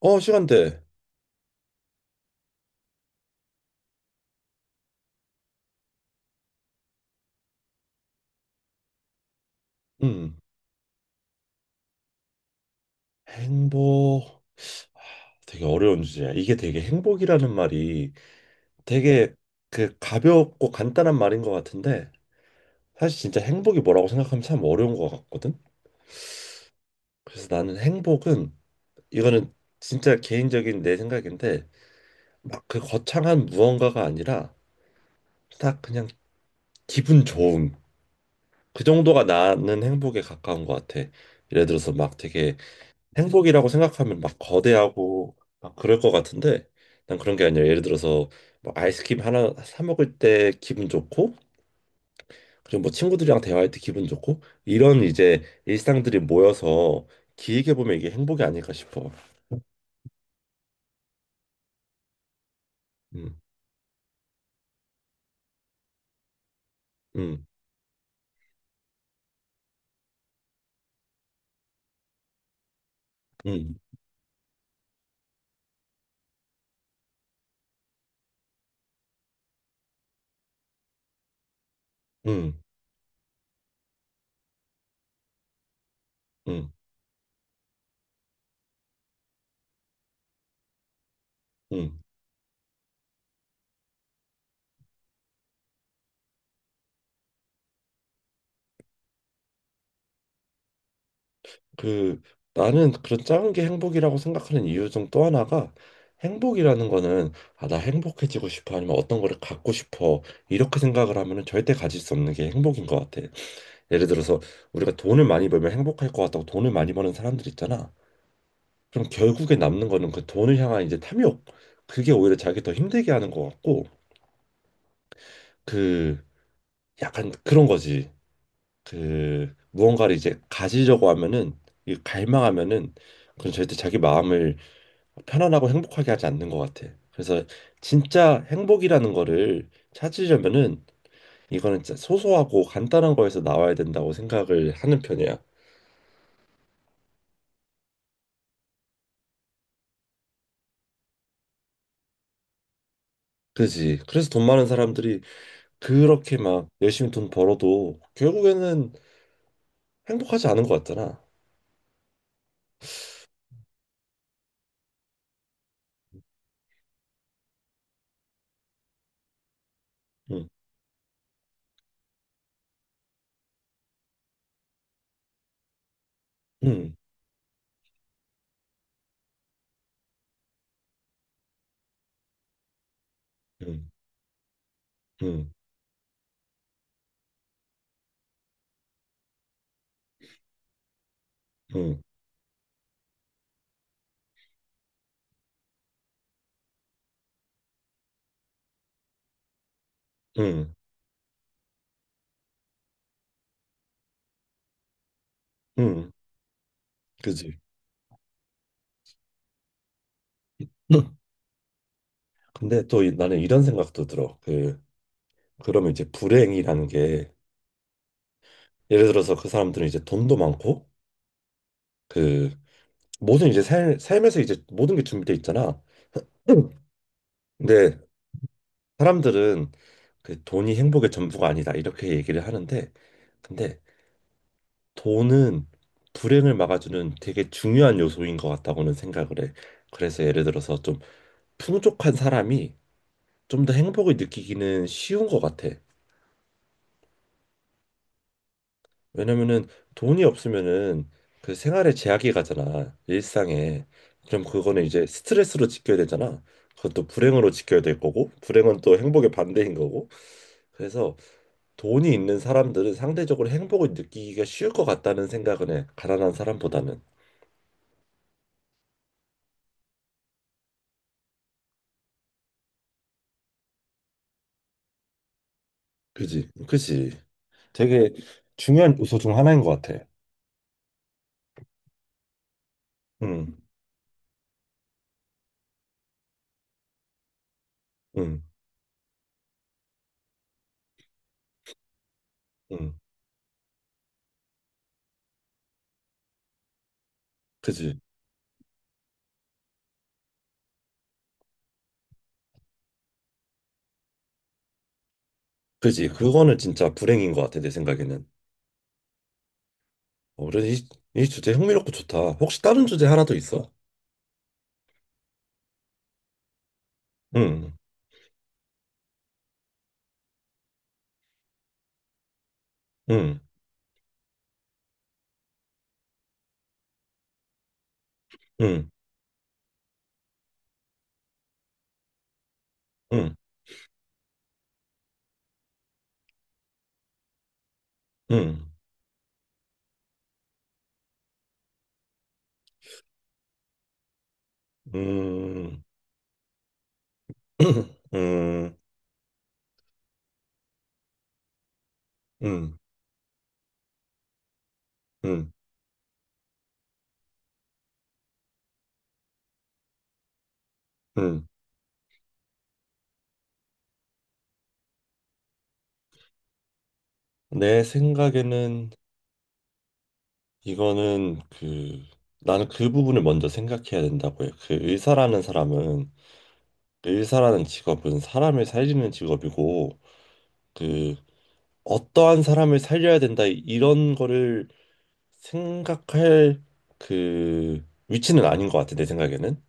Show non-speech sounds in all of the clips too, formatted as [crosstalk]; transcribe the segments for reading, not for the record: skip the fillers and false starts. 어, 시간대. 음. 행복. 하, 되게 어려운 주제야. 이게 되게 행복이라는 말이 되게 그 가볍고 간단한 말인 것 같은데 사실 진짜 행복이 뭐라고 생각하면 참 어려운 것 같거든. 그래서 나는 행복은 이거는 진짜 개인적인 내 생각인데 막 그 거창한 무언가가 아니라 딱 그냥 기분 좋음. 그 정도가 나는 행복에 가까운 것 같아. 예를 들어서 막 되게 행복이라고 생각하면 막 거대하고 막 그럴 것 같은데 난 그런 게 아니라 예를 들어서 뭐 아이스크림 하나 사 먹을 때 기분 좋고 그리고 뭐 친구들이랑 대화할 때 기분 좋고 이런 이제 일상들이 모여서 길게 보면 이게 행복이 아닐까 싶어. 음, 음, 음, 음, 음, 음. 그 나는 그런 작은 게 행복이라고 생각하는 이유 중 또 하나가 행복이라는 거는 아, 나 행복해지고 싶어 아니면 어떤 거를 갖고 싶어 이렇게 생각을 하면은 절대 가질 수 없는 게 행복인 것 같아. 예를 들어서 우리가 돈을 많이 벌면 행복할 것 같다고 돈을 많이 버는 사람들 있잖아. 그럼 결국에 남는 거는 그 돈을 향한 이제 탐욕. 그게 오히려 자기 더 힘들게 하는 것 같고 그 약간 그런 거지. 그 무언가를 이제 가지려고 하면은 이 갈망하면은 그건 절대 자기 마음을 편안하고 행복하게 하지 않는 것 같아. 그래서 진짜 행복이라는 거를 찾으려면은 이거는 진짜 소소하고 간단한 거에서 나와야 된다고 생각을 하는 편이야. 그지? 그래서 돈 많은 사람들이 그렇게 막 열심히 돈 벌어도 결국에는 행복하지 않은 것 같잖아. 응, 응, 응, 응, 응, 응, 응, 그지? [laughs] 응. 근데 또 나는 이런 생각도 들어. 그 그러면 이제 불행이라는 게 예를 들어서 그 사람들은 이제 돈도 많고 그 모든 이제 삶, 삶에서 이제 모든 게 준비돼 있잖아. 응. 근데 사람들은 그 돈이 행복의 전부가 아니다 이렇게 얘기를 하는데 근데 돈은 불행을 막아주는 되게 중요한 요소인 것 같다고는 생각을 해. 그래서 예를 들어서 좀 풍족한 사람이 좀 더 행복을 느끼기는 쉬운 것 같아. 왜냐면은 돈이 없으면은 그 생활에 제약이 가잖아. 일상에. 그럼 그거는 이제 스트레스로 지켜야 되잖아. 그것도 불행으로 지켜야 될 거고, 불행은 또 행복의 반대인 거고. 그래서 돈이 있는 사람들은 상대적으로 행복을 느끼기가 쉬울 것 같다는 생각은 해. 가난한 사람보다는. 그지? 그지? 되게 중요한 요소 중 하나인 것 같아. 응, 응, 응. 그지? 그지? 그거는 진짜 불행인 것 같아, 내 생각에는. 어, 그래, 이 주제 흥미롭고 좋다. 혹시 다른 주제 하나 더 있어? 응, 응, 응, 응, 응, 음, [clears throat] 음, 음, 음, 음. 내 생각에는 이거는 그 나는 그 부분을 먼저 생각해야 된다고 해. 그 의사라는 사람은 의사라는 직업은 사람을 살리는 직업이고 그 어떠한 사람을 살려야 된다 이런 거를 생각할 그 위치는 아닌 것 같아 내 생각에는.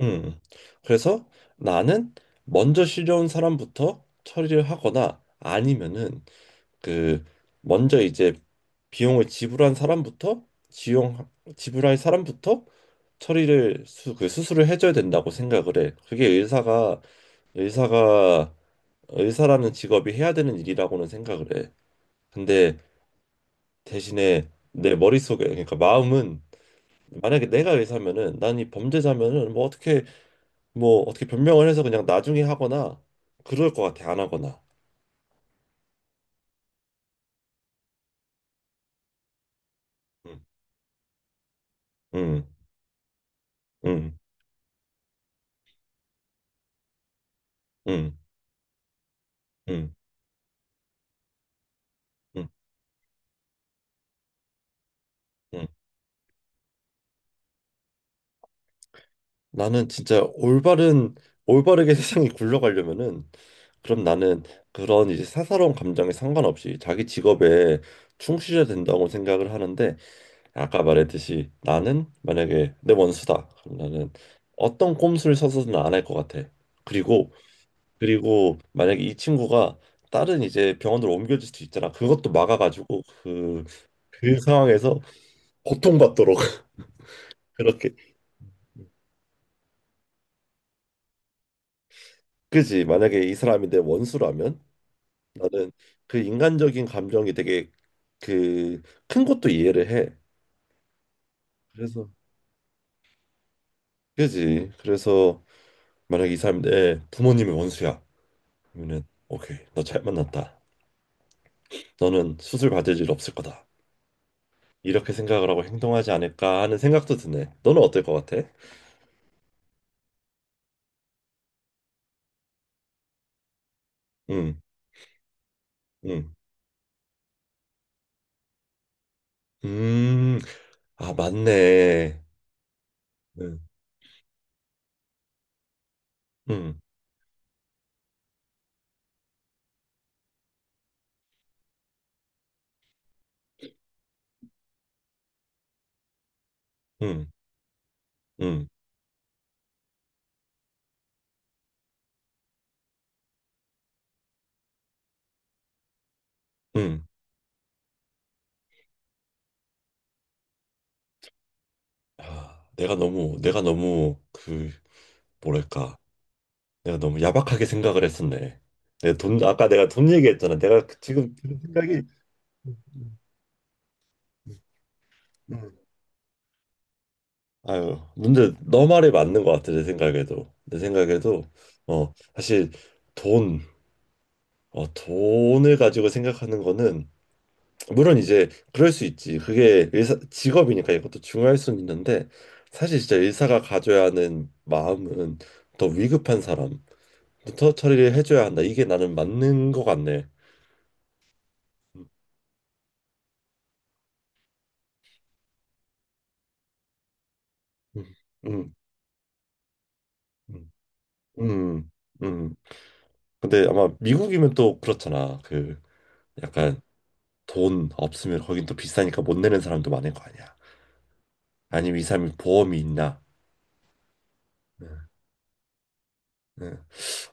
음. 그래서 나는 먼저 실려온 사람부터 처리를 하거나 아니면은 그 먼저 이제 비용을 지불한 사람부터 지용 지불할 사람부터 처리를 그 수술을 해줘야 된다고 생각을 해. 그게 의사가 의사라는 직업이 해야 되는 일이라고는 생각을 해. 근데 대신에 내 머릿속에 그러니까 마음은 만약에 내가 의사면은 난 이 범죄자면은 뭐 어떻게 변명을 해서 그냥 나중에 하거나 그럴 것 같아 안 하거나 음, 음, 음, 음, 음, 음, 음. 나는 진짜 올바른 올바르게 [laughs] 세상이 굴러가려면은 그럼 나는 그런 이제 사사로운 감정에 상관없이 자기 직업에 충실해야 된다고 생각을 하는데 아까 말했듯이 나는 만약에 내 원수다 그럼 나는 어떤 꼼수를 써서는 안 할 것 같아 그리고 만약에 이 친구가 다른 이제 병원으로 옮겨질 수도 있잖아. 그것도 막아가지고 그 상황에서 고통받도록 [laughs] 그렇게. 그지? 만약에 이 사람이 내 원수라면 나는 그 인간적인 감정이 되게 그 큰 것도 이해를 해. 그래서 그지? 그래서 만약에 이 사람이 내 부모님이 원수야. 그러면은 오케이 너 잘 만났다. 너는 수술 받을 일 없을 거다. 이렇게 생각을 하고 행동하지 않을까 하는 생각도 드네. 너는 어떨 것 같아? 응, 응. 음, 아, 맞네. 응, 응, 응, 응, 응. 아, 내가 너무, 뭐랄까. 내가 너무 야박하게 생각을 했었네. 아까 내가 돈 얘기했잖아. 내가 지금 드는 생각이, 응. 응. 아유, 근데 너 말이 맞는 것 같아, 내 생각에도, 어, 사실 돈, 돈을 가지고 생각하는 거는 물론 이제 그럴 수 있지. 그게 의사 직업이니까 이것도 중요할 수는 있는데 사실 진짜 의사가 가져야 하는 마음은 더 위급한 사람부터 처리를 해줘야 한다. 이게 나는 맞는 것 같네. 음, 음, 음, 음. 음. 음. 근데 아마 미국이면 또 그렇잖아. 그 약간 돈 없으면 거긴 또 비싸니까 못 내는 사람도 많을 거 아니야. 아니면 이 사람이 보험이 있나? 네, 네.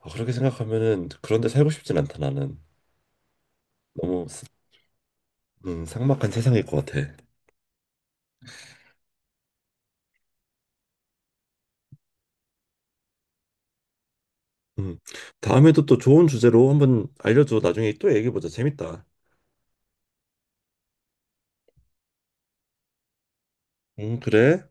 아, 그렇게 생각하면은 그런데 살고 싶진 않다 나는. 너무 삭막한 세상일 것 같아. 음, 다음에도 또 좋은 주제로 한번 알려줘. 나중에 또 얘기해보자. 재밌다. 그래.